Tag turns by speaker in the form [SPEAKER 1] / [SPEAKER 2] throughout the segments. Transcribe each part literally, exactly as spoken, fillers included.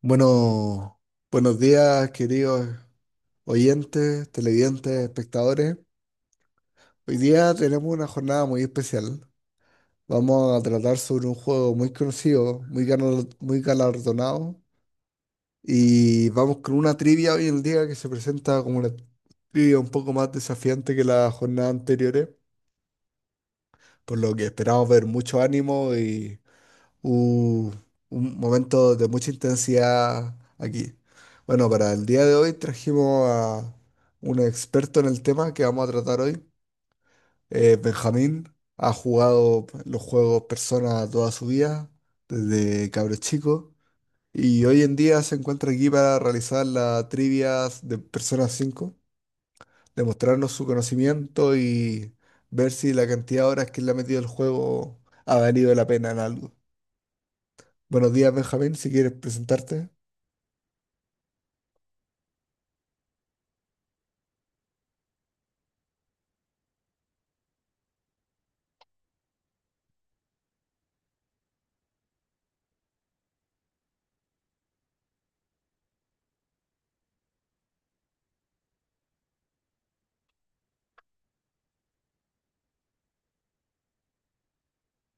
[SPEAKER 1] Bueno, buenos días, queridos oyentes, televidentes, espectadores. Hoy día tenemos una jornada muy especial. Vamos a tratar sobre un juego muy conocido, muy galar- muy galardonado. Y vamos con una trivia hoy en día que se presenta como una trivia un poco más desafiante que las jornadas anteriores, por lo que esperamos ver mucho ánimo Uh, un momento de mucha intensidad aquí. Bueno, para el día de hoy trajimos a un experto en el tema que vamos a tratar hoy. Eh, Benjamín ha jugado los juegos Persona toda su vida, desde cabro chico, y hoy en día se encuentra aquí para realizar las trivias de Persona cinco, demostrarnos su conocimiento y ver si la cantidad de horas que le ha metido el juego ha valido la pena en algo. Buenos días, Benjamín, si quieres presentarte.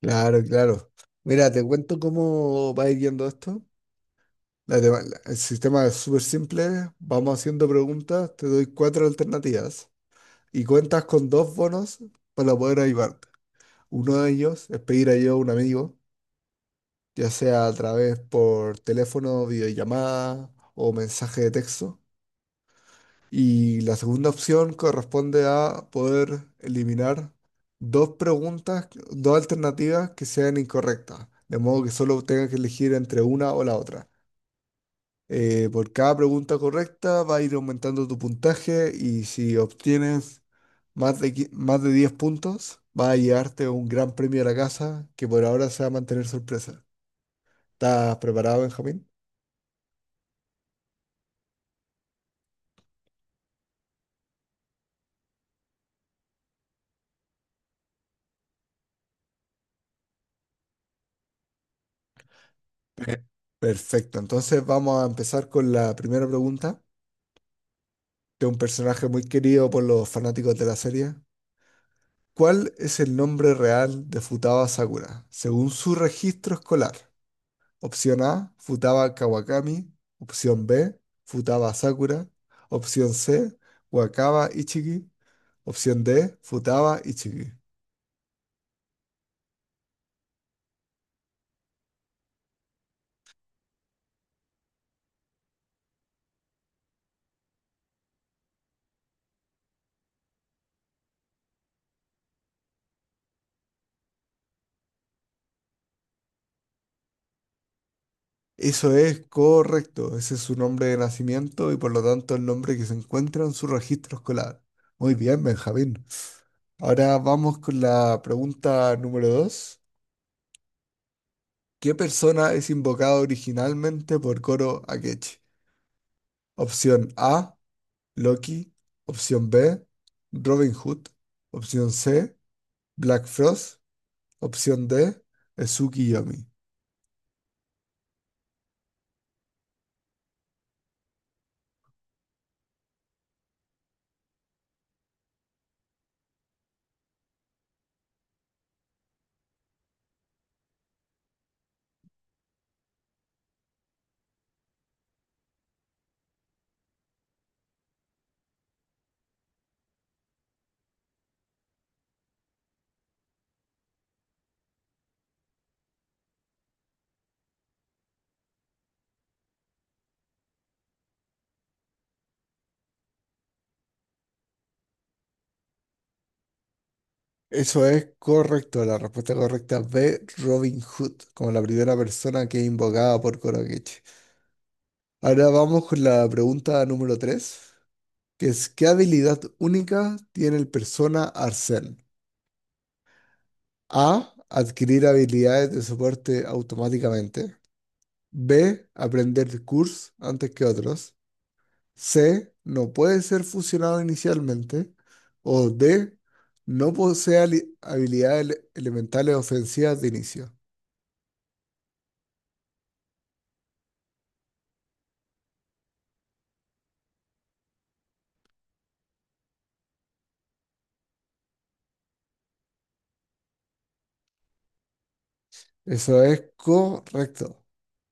[SPEAKER 1] Claro, claro. Mira, te cuento cómo va a ir yendo esto. La tema- la- el sistema es súper simple. Vamos haciendo preguntas, te doy cuatro alternativas y cuentas con dos bonos para poder ayudarte. Uno de ellos es pedir ayuda a un amigo, ya sea a través por teléfono, videollamada o mensaje de texto. Y la segunda opción corresponde a poder eliminar dos preguntas, dos alternativas que sean incorrectas, de modo que solo tengas que elegir entre una o la otra. Eh, por cada pregunta correcta va a ir aumentando tu puntaje y si obtienes más de, qui- más de diez puntos, va a llevarte un gran premio a la casa que por ahora se va a mantener sorpresa. ¿Estás preparado, Benjamín? Perfecto, entonces vamos a empezar con la primera pregunta. De un personaje muy querido por los fanáticos de la serie. ¿Cuál es el nombre real de Futaba Sakura según su registro escolar? Opción A, Futaba Kawakami. Opción B, Futaba Sakura. Opción C, Wakaba Ichiki. Opción D, Futaba Ichiki. Eso es correcto, ese es su nombre de nacimiento y por lo tanto el nombre que se encuentra en su registro escolar. Muy bien, Benjamín. Ahora vamos con la pregunta número dos. ¿Qué persona es invocada originalmente por Koro Akechi? Opción A, Loki. Opción B, Robin Hood. Opción C, Black Frost. Opción D, Ezuki Yomi. Eso es correcto. La respuesta correcta es B, Robin Hood, como la primera persona que es invocada por Koro Akechi. Ahora vamos con la pregunta número tres, que es ¿qué habilidad única tiene el persona Arsène? A. Adquirir habilidades de soporte automáticamente. B. Aprender cursos antes que otros. C. No puede ser fusionado inicialmente. O D. No posee ali- habilidades ele- elementales ofensivas de inicio. Eso es correcto.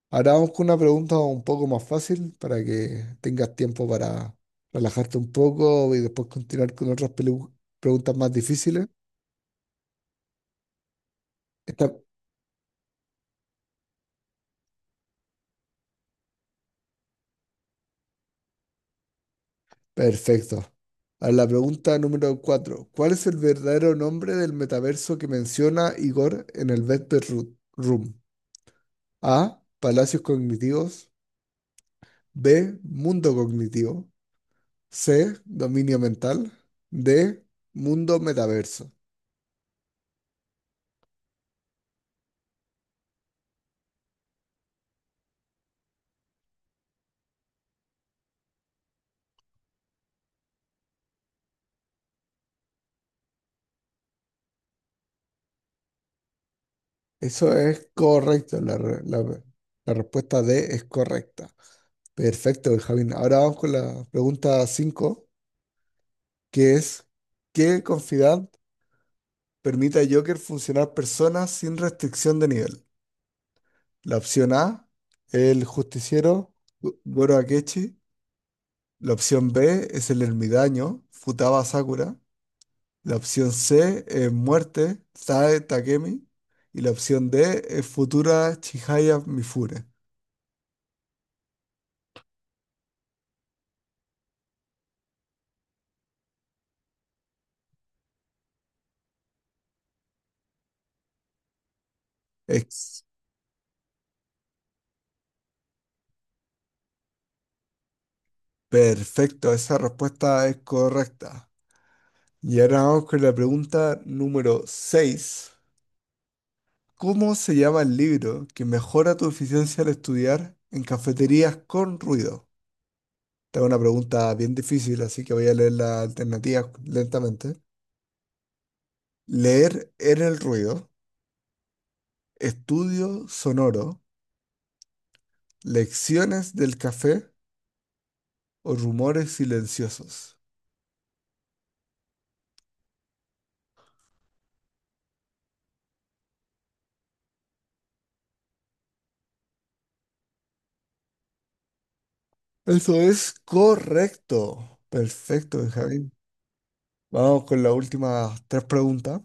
[SPEAKER 1] Ahora vamos con una pregunta un poco más fácil para que tengas tiempo para relajarte un poco y después continuar con otras pelu- preguntas más difíciles. Esta, perfecto. A la pregunta número cuatro. ¿Cuál es el verdadero nombre del metaverso que menciona Igor en el Vesper Ru- Room? A. Palacios cognitivos. B. Mundo cognitivo. C. Dominio mental. D. Mundo metaverso. Eso es correcto. La, re- la- la respuesta D es correcta. Perfecto, Benjamín. Ahora vamos con la pregunta cinco, que es ¿qué confidad permite a Joker funcionar personas sin restricción de nivel? La opción A, el justiciero Go- Goro Akechi. La opción B es el ermitaño Futaba Sakura. La opción C es muerte Sae Takemi. Y la opción D es futura Chihaya Mifune. Ex. Perfecto, esa respuesta es correcta. Y ahora vamos con la pregunta número seis. ¿Cómo se llama el libro que mejora tu eficiencia al estudiar en cafeterías con ruido? Esta es una pregunta bien difícil, así que voy a leer las alternativas lentamente. Leer en el ruido, estudio sonoro, lecciones del café o rumores silenciosos. Eso es correcto. Perfecto, Benjamín. Vamos con las últimas tres preguntas.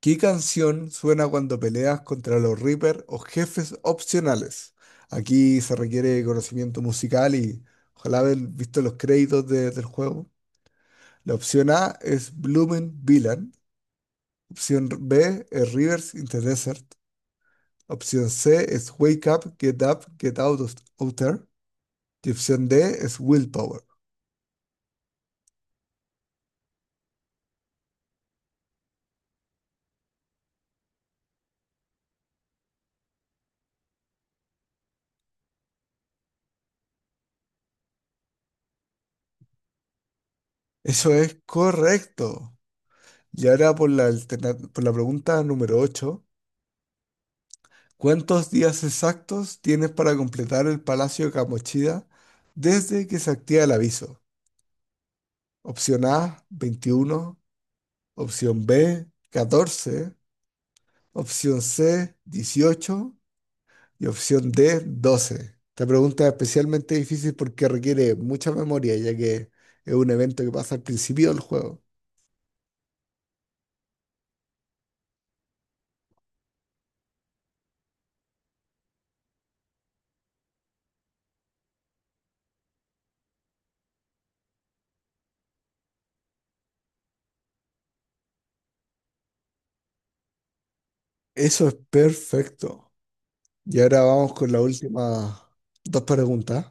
[SPEAKER 1] ¿Qué canción suena cuando peleas contra los Reaper o jefes opcionales? Aquí se requiere conocimiento musical y ojalá haber visto los créditos de- del juego. La opción A es Bloomin' Villain. Opción B es Rivers in the Desert. Opción C es Wake Up, Get Up, Get Out of Outer. Y opción D es Willpower. Eso es correcto. Y ahora por la, alterna- por la pregunta número ocho. ¿Cuántos días exactos tienes para completar el Palacio de Kamoshida desde que se activa el aviso? Opción A, veintiuno, opción B, catorce, opción C, dieciocho y opción D, doce. Esta pregunta es especialmente difícil porque requiere mucha memoria, ya que es un evento que pasa al principio del juego. Eso es perfecto. Y ahora vamos con la última dos preguntas.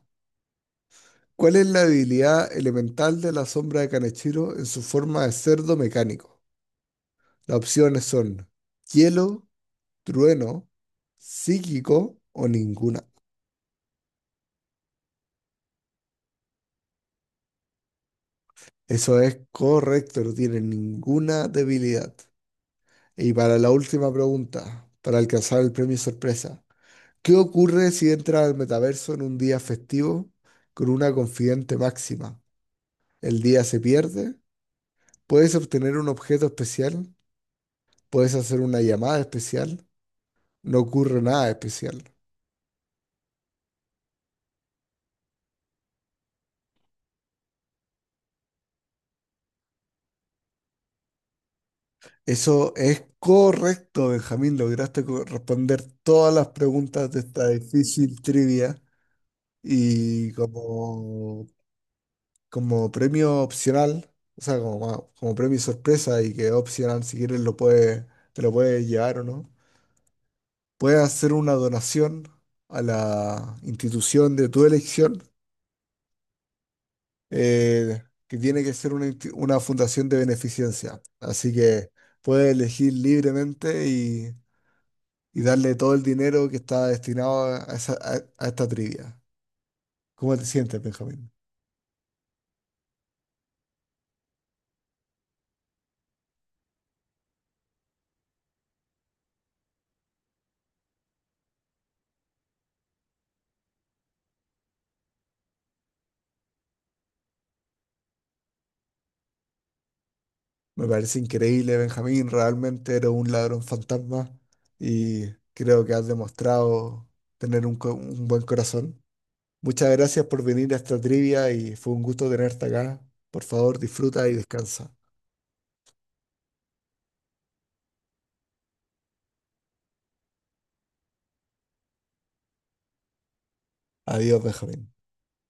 [SPEAKER 1] ¿Cuál es la habilidad elemental de la sombra de Kaneshiro en su forma de cerdo mecánico? Las opciones son hielo, trueno, psíquico o ninguna. Eso es correcto, no tiene ninguna debilidad. Y para la última pregunta, para alcanzar el premio sorpresa, ¿qué ocurre si entras al metaverso en un día festivo con una confidente máxima? ¿El día se pierde? ¿Puedes obtener un objeto especial? ¿Puedes hacer una llamada especial? No ocurre nada especial. Eso es correcto, Benjamín. Lograste co- responder todas las preguntas de esta difícil trivia. Y como, como premio opcional, o sea, como, ma- como premio sorpresa y que opcional, si quieres, lo puedes, te lo puedes llevar o no. Puedes hacer una donación a la institución de tu elección, eh, que tiene que ser una, insti- una fundación de beneficencia. Así que puedes elegir libremente y y darle todo el dinero que está destinado a, esa- a- a esta trivia. ¿Cómo te sientes, Benjamín? Me parece increíble, Benjamín. Realmente eres un ladrón fantasma y creo que has demostrado tener un, co- un buen corazón. Muchas gracias por venir a esta trivia y fue un gusto tenerte acá. Por favor, disfruta y descansa. Adiós, Benjamín.